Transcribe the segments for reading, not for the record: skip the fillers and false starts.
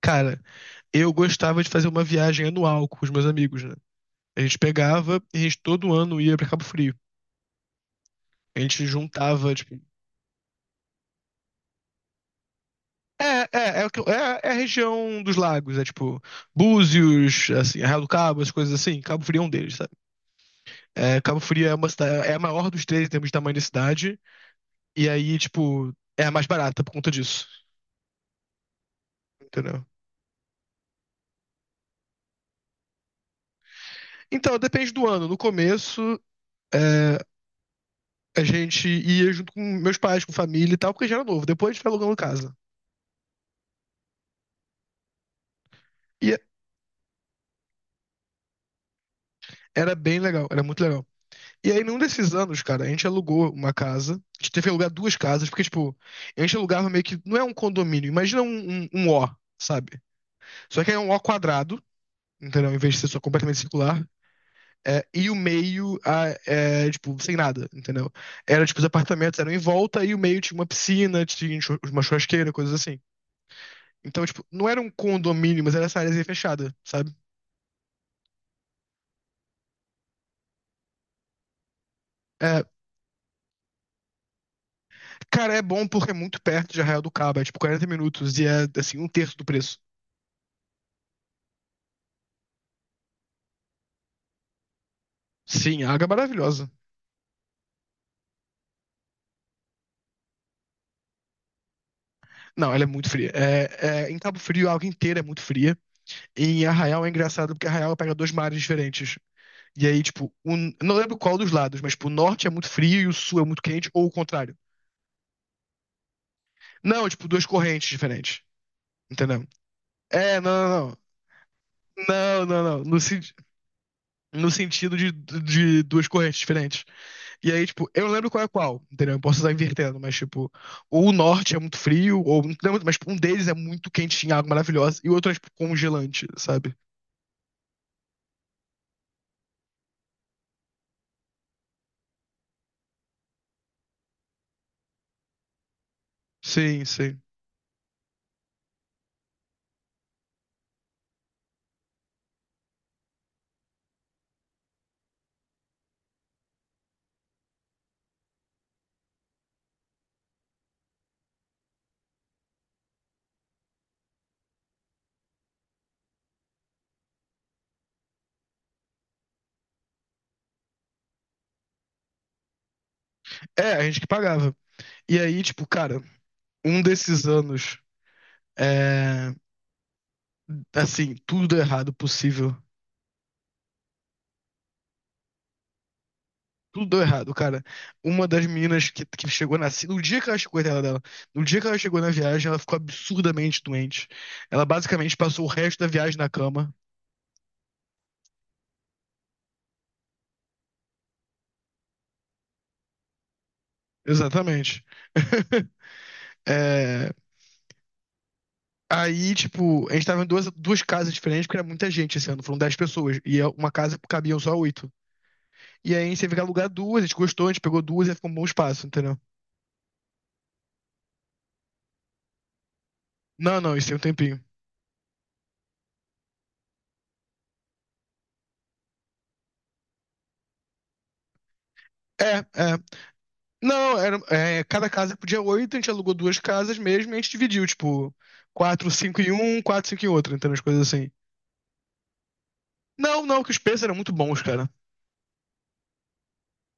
Cara, eu gostava de fazer uma viagem anual com os meus amigos, né? A gente pegava e a gente todo ano ia pra Cabo Frio. A gente juntava, tipo. É, é, a região dos lagos, é tipo Búzios, assim, Arraial do Cabo, as coisas assim. Cabo Frio é um deles, sabe? É, Cabo Frio é uma cidade, é a maior dos três em termos de tamanho da cidade, e aí, tipo, é a mais barata por conta disso, entendeu? Então, depende do ano. No começo, é, a gente ia junto com meus pais, com família e tal, porque já era novo. Depois a gente foi alugando casa. E Era bem legal, era muito legal. E aí, num desses anos, cara, a gente alugou uma casa. A gente teve que alugar duas casas, porque, tipo, a gente alugava meio que. Não é um condomínio, imagina um O, sabe? Só que é um O quadrado, entendeu? Em vez de ser só completamente circular. E o meio, tipo, sem nada, entendeu? Era, tipo, os apartamentos eram em volta e o meio tinha uma piscina, tinha uma churrasqueira, coisas assim. Então, tipo, não era um condomínio, mas era essa área fechada, sabe? É, Cara, é bom porque é muito perto de Arraial do Cabo, é tipo 40 minutos e é assim, um terço do preço. Sim, a água é maravilhosa. Não, ela é muito fria. Em Cabo Frio a água inteira é muito fria. E em Arraial é engraçado porque Arraial pega dois mares diferentes. E aí, tipo, não lembro qual dos lados, mas tipo, o norte é muito frio e o sul é muito quente, ou o contrário. Não, tipo, duas correntes diferentes. Entendeu? É, não, não, não. Não, não, não. No, sen- No sentido de duas correntes diferentes. E aí, tipo, eu não lembro qual é qual, entendeu? Eu posso estar invertendo, mas, tipo, ou o norte é muito frio, ou não lembro, mas tipo, um deles é muito quentinho, água maravilhosa, e o outro é, tipo, congelante, sabe? Sim, sim. É, a gente que pagava. E aí, tipo, cara, um desses anos, é, assim, tudo deu errado possível. Tudo deu errado, cara. Uma das meninas que chegou na. No dia que ela chegou, coitada dela, no dia que ela chegou na viagem, ela ficou absurdamente doente. Ela basicamente passou o resto da viagem na cama. Exatamente. É, Aí, tipo, a gente tava em duas casas diferentes, porque era muita gente esse ano, foram 10 pessoas. Uma casa cabiam só oito. E aí a gente teve que alugar duas, a gente gostou, a gente pegou duas e ficou um bom espaço, entendeu? Não, não, isso tem um tempinho. É, é. Não, era, é, cada casa podia oito, a gente alugou duas casas mesmo e a gente dividiu, tipo, quatro, cinco em um, quatro, cinco em outro, entendeu? As coisas assim. Não, não, que os preços eram muito bons, cara.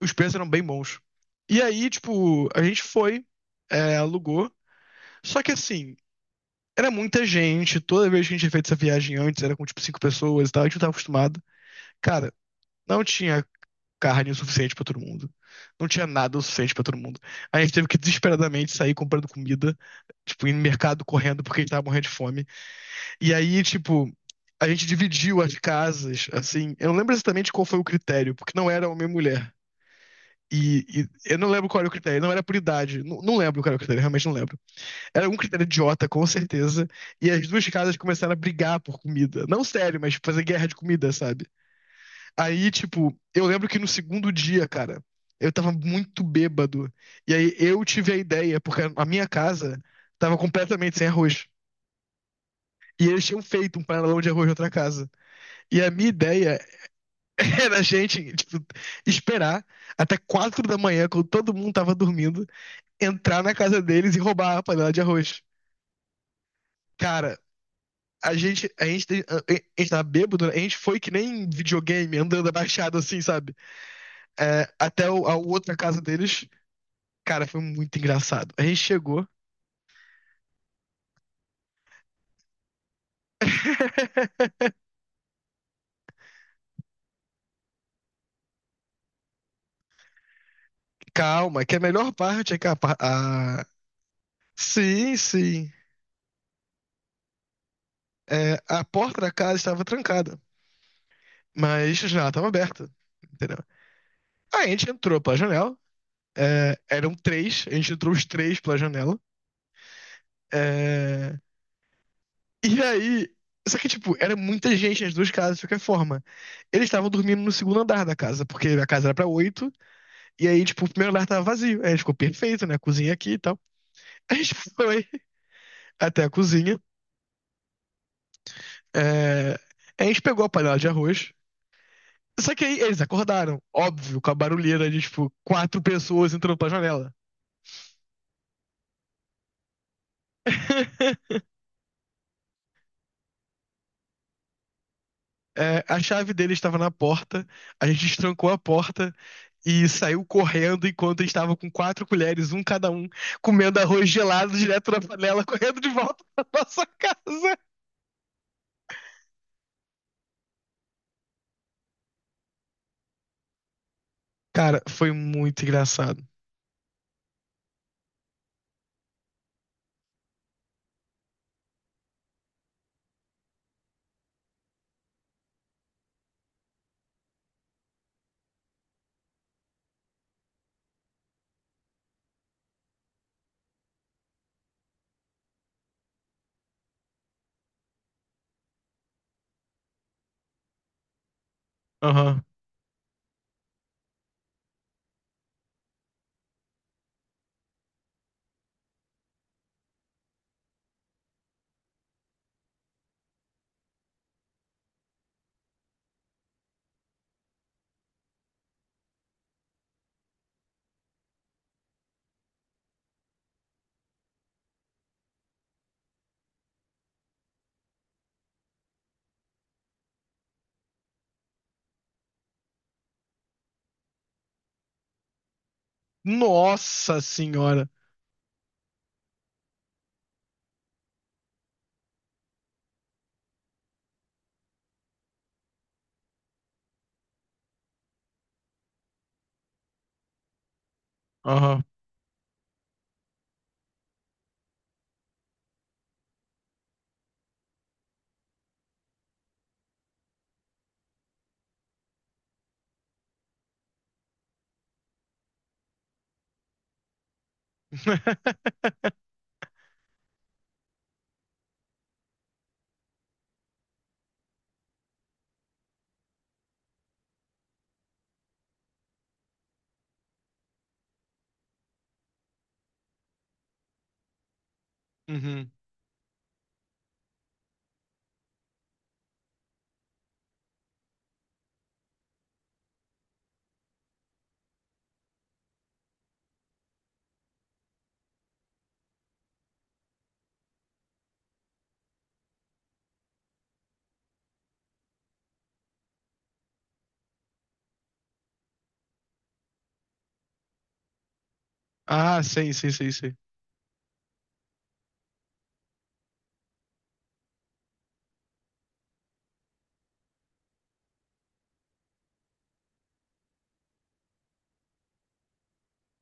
Os preços eram bem bons. E aí, tipo, a gente foi, é, alugou. Só que assim, era muita gente, toda vez que a gente tinha feito essa viagem antes, era com tipo cinco pessoas e tal, a gente não tava acostumado. Cara, não tinha carne o suficiente pra todo mundo. Não tinha nada o suficiente pra todo mundo. A gente teve que desesperadamente sair comprando comida, tipo, ir no mercado correndo porque a gente tava morrendo de fome. E aí, tipo, a gente dividiu as casas, assim. Eu não lembro exatamente qual foi o critério, porque não era homem e mulher. E eu não lembro qual era o critério, não era por idade. Não, não lembro qual era o critério, realmente não lembro. Era um critério idiota, com certeza. E as duas casas começaram a brigar por comida. Não sério, mas tipo, fazer guerra de comida, sabe? Aí, tipo, eu lembro que no segundo dia, cara, eu tava muito bêbado. E aí eu tive a ideia, porque a minha casa tava completamente sem arroz. E eles tinham feito um panelão de arroz na outra casa. E a minha ideia era a gente, tipo, esperar até 4 da manhã, quando todo mundo tava dormindo, entrar na casa deles e roubar a panela de arroz. Cara, a gente tava bêbado, né? A gente foi que nem videogame, andando abaixado assim, sabe? É, a outra casa deles. Cara, foi muito engraçado. A gente chegou. Calma, que a melhor parte é que sim, sim. É, a porta da casa estava trancada, mas a janela estava aberta, entendeu? Aí a gente entrou pela janela, eram três, a gente entrou os três pela janela. é, E aí, só que tipo, era muita gente nas duas casas de qualquer forma. Eles estavam dormindo no segundo andar da casa, porque a casa era pra oito, e aí, tipo, o primeiro andar tava vazio. Aí ficou perfeito, né? Cozinha aqui e tal. A gente foi até a cozinha, é, a gente pegou a panela de arroz. Só que aí eles acordaram, óbvio, com a barulheira de, tipo, quatro pessoas entrando pela janela. É, a chave dele estava na porta, a gente destrancou a porta e saiu correndo enquanto estava com quatro colheres, um cada um, comendo arroz gelado direto na panela, correndo de volta pra nossa casa. Cara, foi muito engraçado. Aham. Nossa senhora. Aham. Uhum. Ah, sei, sei, sei, sei.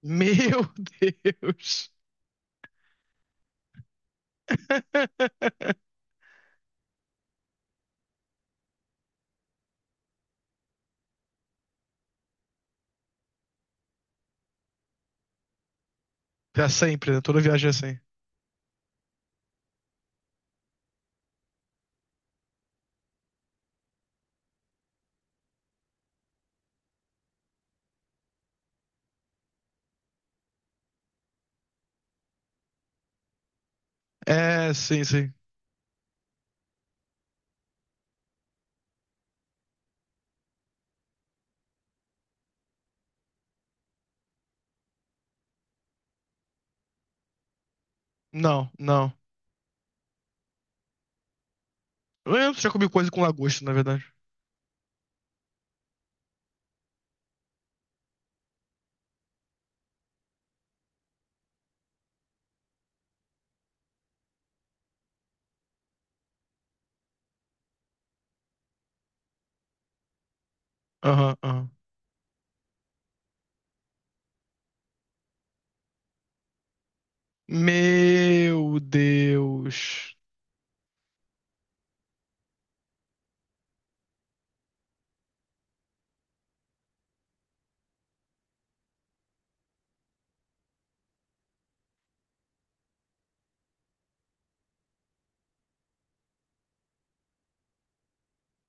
Meu Deus. É sempre, né? Toda viagem é assim. É, sim, sim. Não, não. Eu já comi coisa com lagosta, na verdade. Aham, aham. Meu Deus.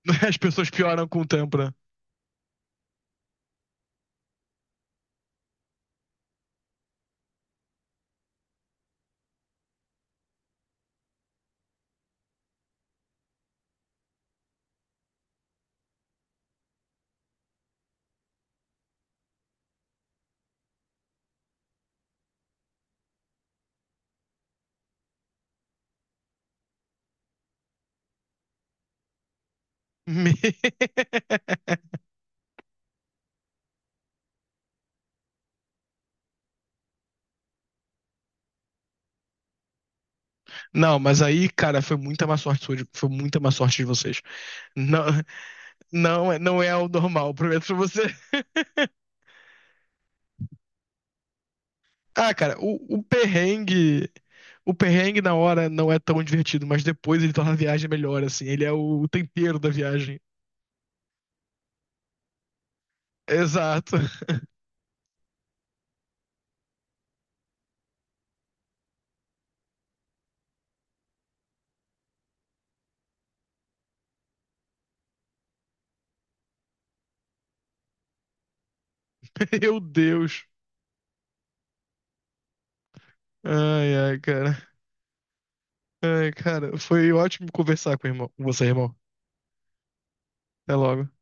As pessoas pioram com o tempo, né? Me- Não, mas aí, cara, foi muita má sorte sua, foi muita má sorte de vocês. Não, não, não é o normal, prometo pra você. Ah, cara, o perrengue. O perrengue na hora não é tão divertido, mas depois ele torna a viagem melhor, assim. Ele é o tempero da viagem. Exato. Meu Deus. Ai, ai, cara. Ai, cara, foi ótimo conversar com, o irmão, com você, irmão. Até logo.